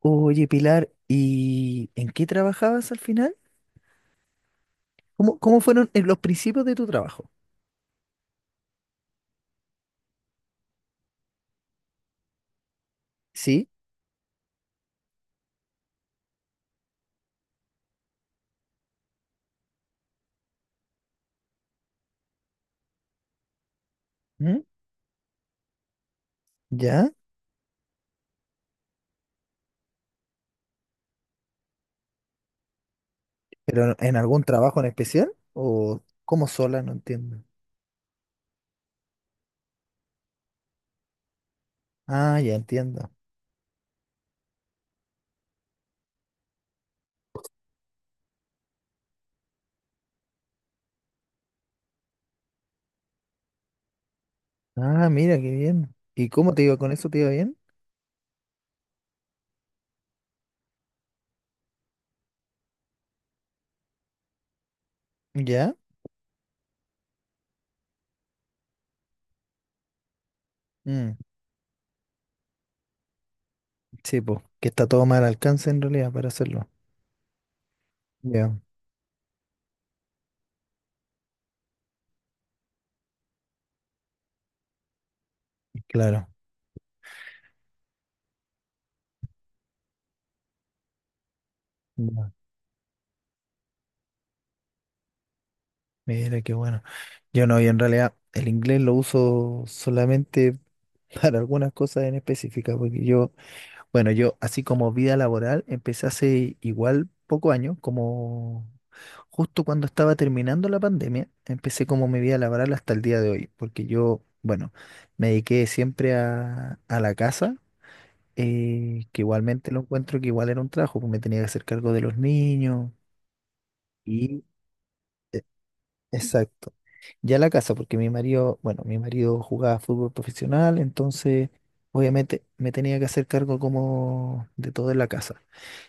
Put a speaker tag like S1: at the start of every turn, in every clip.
S1: Oye, Pilar, ¿y en qué trabajabas al final? ¿Cómo, cómo fueron en los principios de tu trabajo? ¿Sí? ¿Mm? ¿Ya? ¿Pero en algún trabajo en especial? ¿O cómo sola? No entiendo. Ah, ya entiendo. Ah, mira, qué bien. ¿Y cómo te iba con eso? ¿Te iba bien? ¿Ya? Mm, sí, pues, que está todo mal alcance en realidad para hacerlo. Ya, claro. Ya, mira, qué bueno. Yo no, y en realidad el inglés lo uso solamente para algunas cosas en específica, porque yo... Bueno, yo así como vida laboral empecé hace igual poco año, como justo cuando estaba terminando la pandemia, empecé como mi vida laboral hasta el día de hoy, porque yo, bueno, me dediqué siempre a la casa, que igualmente lo encuentro que igual era un trabajo, porque me tenía que hacer cargo de los niños y... eh, Exacto. Ya la casa, porque mi marido, bueno, mi marido jugaba fútbol profesional, entonces obviamente me tenía que hacer cargo como de todo en la casa.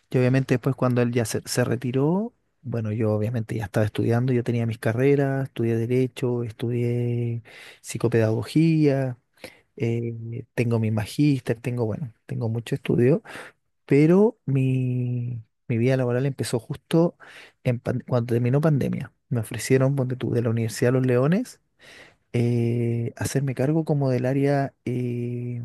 S1: Y obviamente después cuando él ya se retiró, bueno, yo obviamente ya estaba estudiando, yo tenía mis carreras, estudié Derecho, estudié Psicopedagogía, tengo mi magíster, tengo, bueno, tengo mucho estudio, pero mi vida laboral empezó justo en cuando terminó pandemia. Me ofrecieron, ponte tú, de la Universidad de Los Leones, hacerme cargo como del área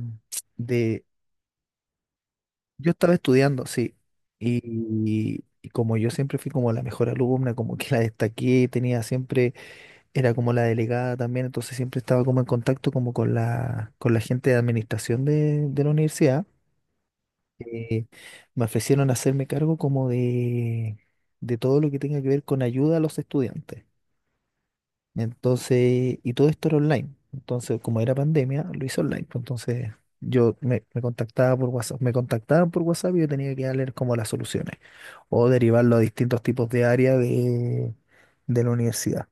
S1: Yo estaba estudiando, sí. Y como yo siempre fui como la mejor alumna, como que la destaqué, tenía siempre, era como la delegada también, entonces siempre estaba como en contacto como con la gente de administración de la universidad. Eh, me ofrecieron hacerme cargo como de todo lo que tenga que ver con ayuda a los estudiantes. Entonces, y todo esto era online. Entonces, como era pandemia, lo hice online, pues. Entonces, yo me, me contactaba por WhatsApp. Me contactaban por WhatsApp y yo tenía que darle como las soluciones o derivarlo a distintos tipos de área de la universidad.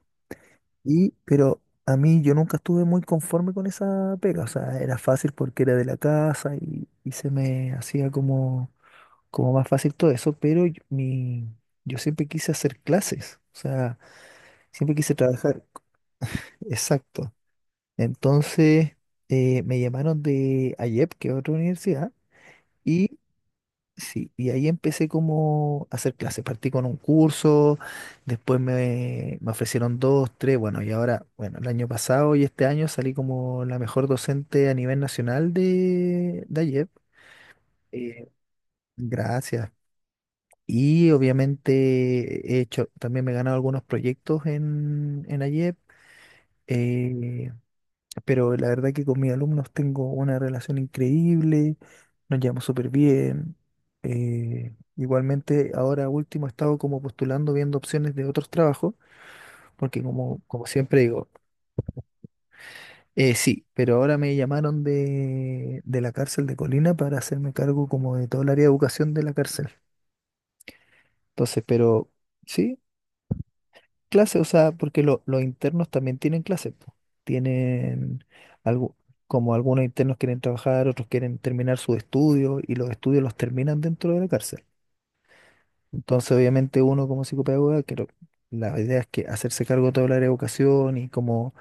S1: Y, pero a mí yo nunca estuve muy conforme con esa pega. O sea, era fácil porque era de la casa y se me hacía como, como más fácil todo eso. Pero mi, yo siempre quise hacer clases. O sea, siempre quise trabajar. Exacto. Entonces me llamaron de AIEP, que es otra universidad, y sí, y ahí empecé como a hacer clases. Partí con un curso, después me, me ofrecieron dos, tres, bueno, y ahora, bueno, el año pasado y este año salí como la mejor docente a nivel nacional de AIEP. Eh, gracias. Y obviamente he hecho, también me he ganado algunos proyectos en AIEP, pero la verdad que con mis alumnos tengo una relación increíble, nos llevamos súper bien. Igualmente, ahora último he estado como postulando, viendo opciones de otros trabajos, porque como, como siempre digo, sí, pero ahora me llamaron de la cárcel de Colina para hacerme cargo como de todo el área de educación de la cárcel. Entonces, pero sí, clase, o sea, porque los internos también tienen clases, po. Tienen algo, como algunos internos quieren trabajar, otros quieren terminar sus estudios y los estudios los terminan dentro de la cárcel. Entonces, obviamente, uno como psicopedagoga, creo, la idea es que hacerse cargo de toda la área de educación y como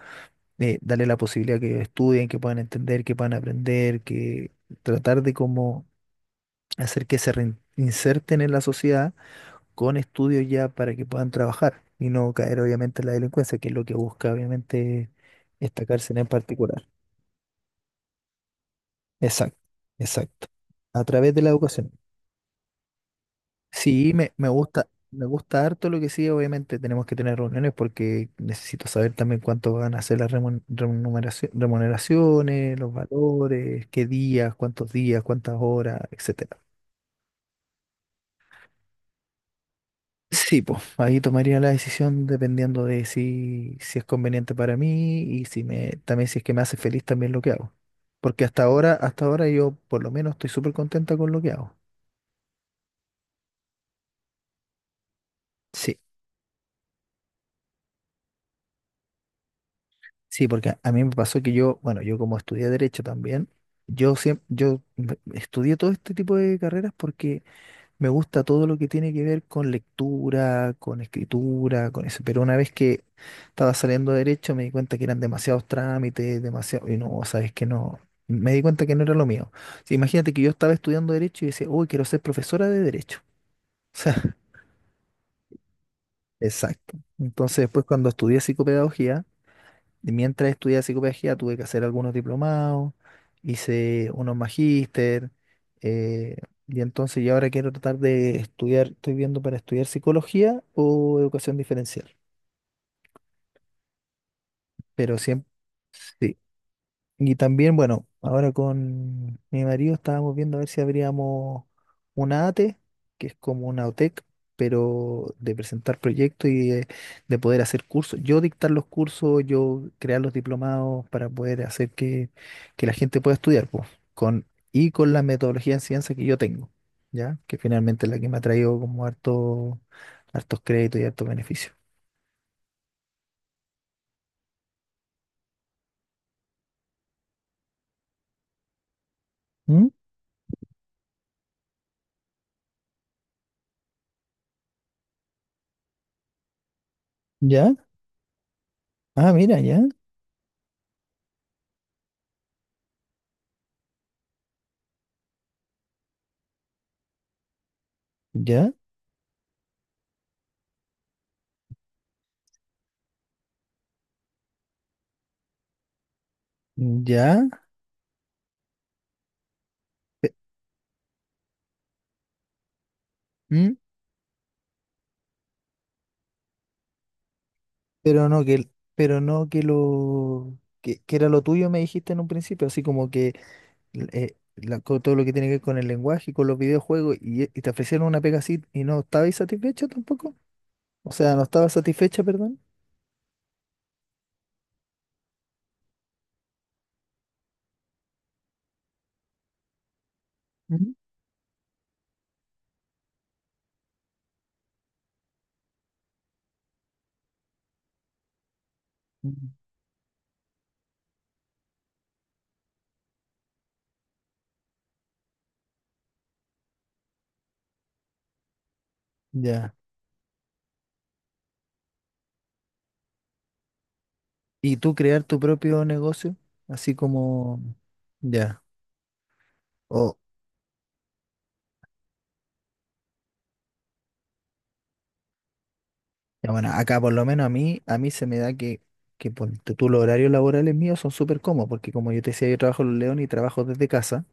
S1: darle la posibilidad que estudien, que puedan entender, que puedan aprender, que tratar de como hacer que se reinserten en la sociedad con estudios ya para que puedan trabajar y no caer obviamente en la delincuencia, que es lo que busca obviamente esta cárcel en particular. Exacto, exacto. A través de la educación. Sí, me, me gusta harto lo que sí, obviamente tenemos que tener reuniones porque necesito saber también cuánto van a ser las remuneraciones, los valores, qué días, cuántos días, cuántas horas, etc. Sí, pues ahí tomaría la decisión dependiendo de si, si es conveniente para mí y si me, también si es que me hace feliz también lo que hago. Porque hasta ahora yo por lo menos estoy súper contenta con lo que hago. Sí, sí, porque a mí me pasó que yo, bueno, yo como estudié derecho también, yo siempre, estudié todo este tipo de carreras porque me gusta todo lo que tiene que ver con lectura, con escritura, con eso. Pero una vez que estaba saliendo de derecho me di cuenta que eran demasiados trámites, demasiado... Y no, sabes que no. Me di cuenta que no era lo mío. Sí, imagínate que yo estaba estudiando derecho y decía, uy, quiero ser profesora de derecho. O sea, exacto. Entonces después cuando estudié psicopedagogía, y mientras estudiaba psicopedagogía tuve que hacer algunos diplomados, hice unos magíster, eh, y entonces yo ahora quiero tratar de estudiar, estoy viendo para estudiar psicología o educación diferencial, pero siempre, sí. Y también, bueno, ahora con mi marido estábamos viendo a ver si abríamos una ATE, que es como una OTEC, pero de presentar proyectos y de poder hacer cursos. Yo dictar los cursos, yo crear los diplomados para poder hacer que la gente pueda estudiar, pues, con, y con la metodología de ciencia que yo tengo, ¿ya? Que finalmente es la que me ha traído como harto, hartos créditos y hartos beneficios. ¿Mm? ¿Ya? Ah, mira, ya, ya, ya. ¿Mm? Pero no que, pero no que lo que era lo tuyo me dijiste en un principio, así como que con todo lo que tiene que ver con el lenguaje y con los videojuegos y te ofrecieron una pega así y no estabas satisfecha tampoco. O sea, no estabas satisfecha, perdón. Ujú. Ujú. Ya. ¿Y tú crear tu propio negocio, así como ya? O ya bueno, acá por lo menos a mí se me da que ponte tú los horarios laborales míos son súper cómodos, porque como yo te decía, yo trabajo en León y trabajo desde casa.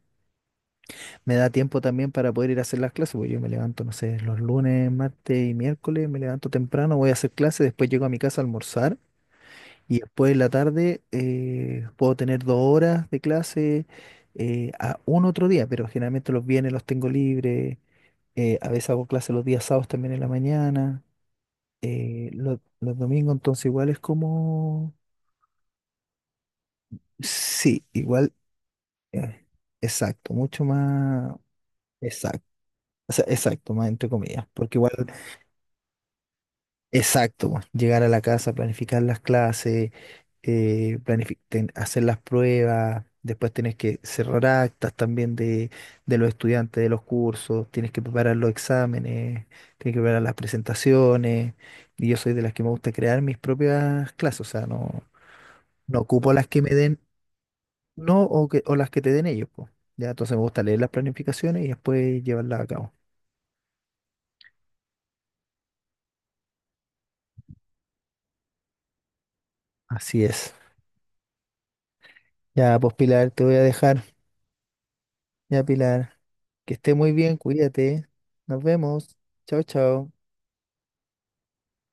S1: Me da tiempo también para poder ir a hacer las clases, porque yo me levanto, no sé, los lunes, martes y miércoles, me levanto temprano, voy a hacer clases, después llego a mi casa a almorzar y después en la tarde puedo tener dos horas de clase a un otro día, pero generalmente los viernes los tengo libres, a veces hago clases los días sábados también en la mañana, los domingos entonces igual es como... Sí, igual, eh, exacto, mucho más... Exacto. O sea, exacto, más entre comillas, porque igual exacto, pues, llegar a la casa, planificar las clases, hacer las pruebas, después tienes que cerrar actas también de los estudiantes de los cursos, tienes que preparar los exámenes, tienes que preparar las presentaciones, y yo soy de las que me gusta crear mis propias clases, o sea, no, no ocupo las que me den, no, o, que, o las que te den ellos, pues, ya, entonces me gusta leer las planificaciones y después llevarlas a cabo. Así es. Ya, pues Pilar, te voy a dejar, ya Pilar. Que esté muy bien, cuídate. Nos vemos. Chao, chao.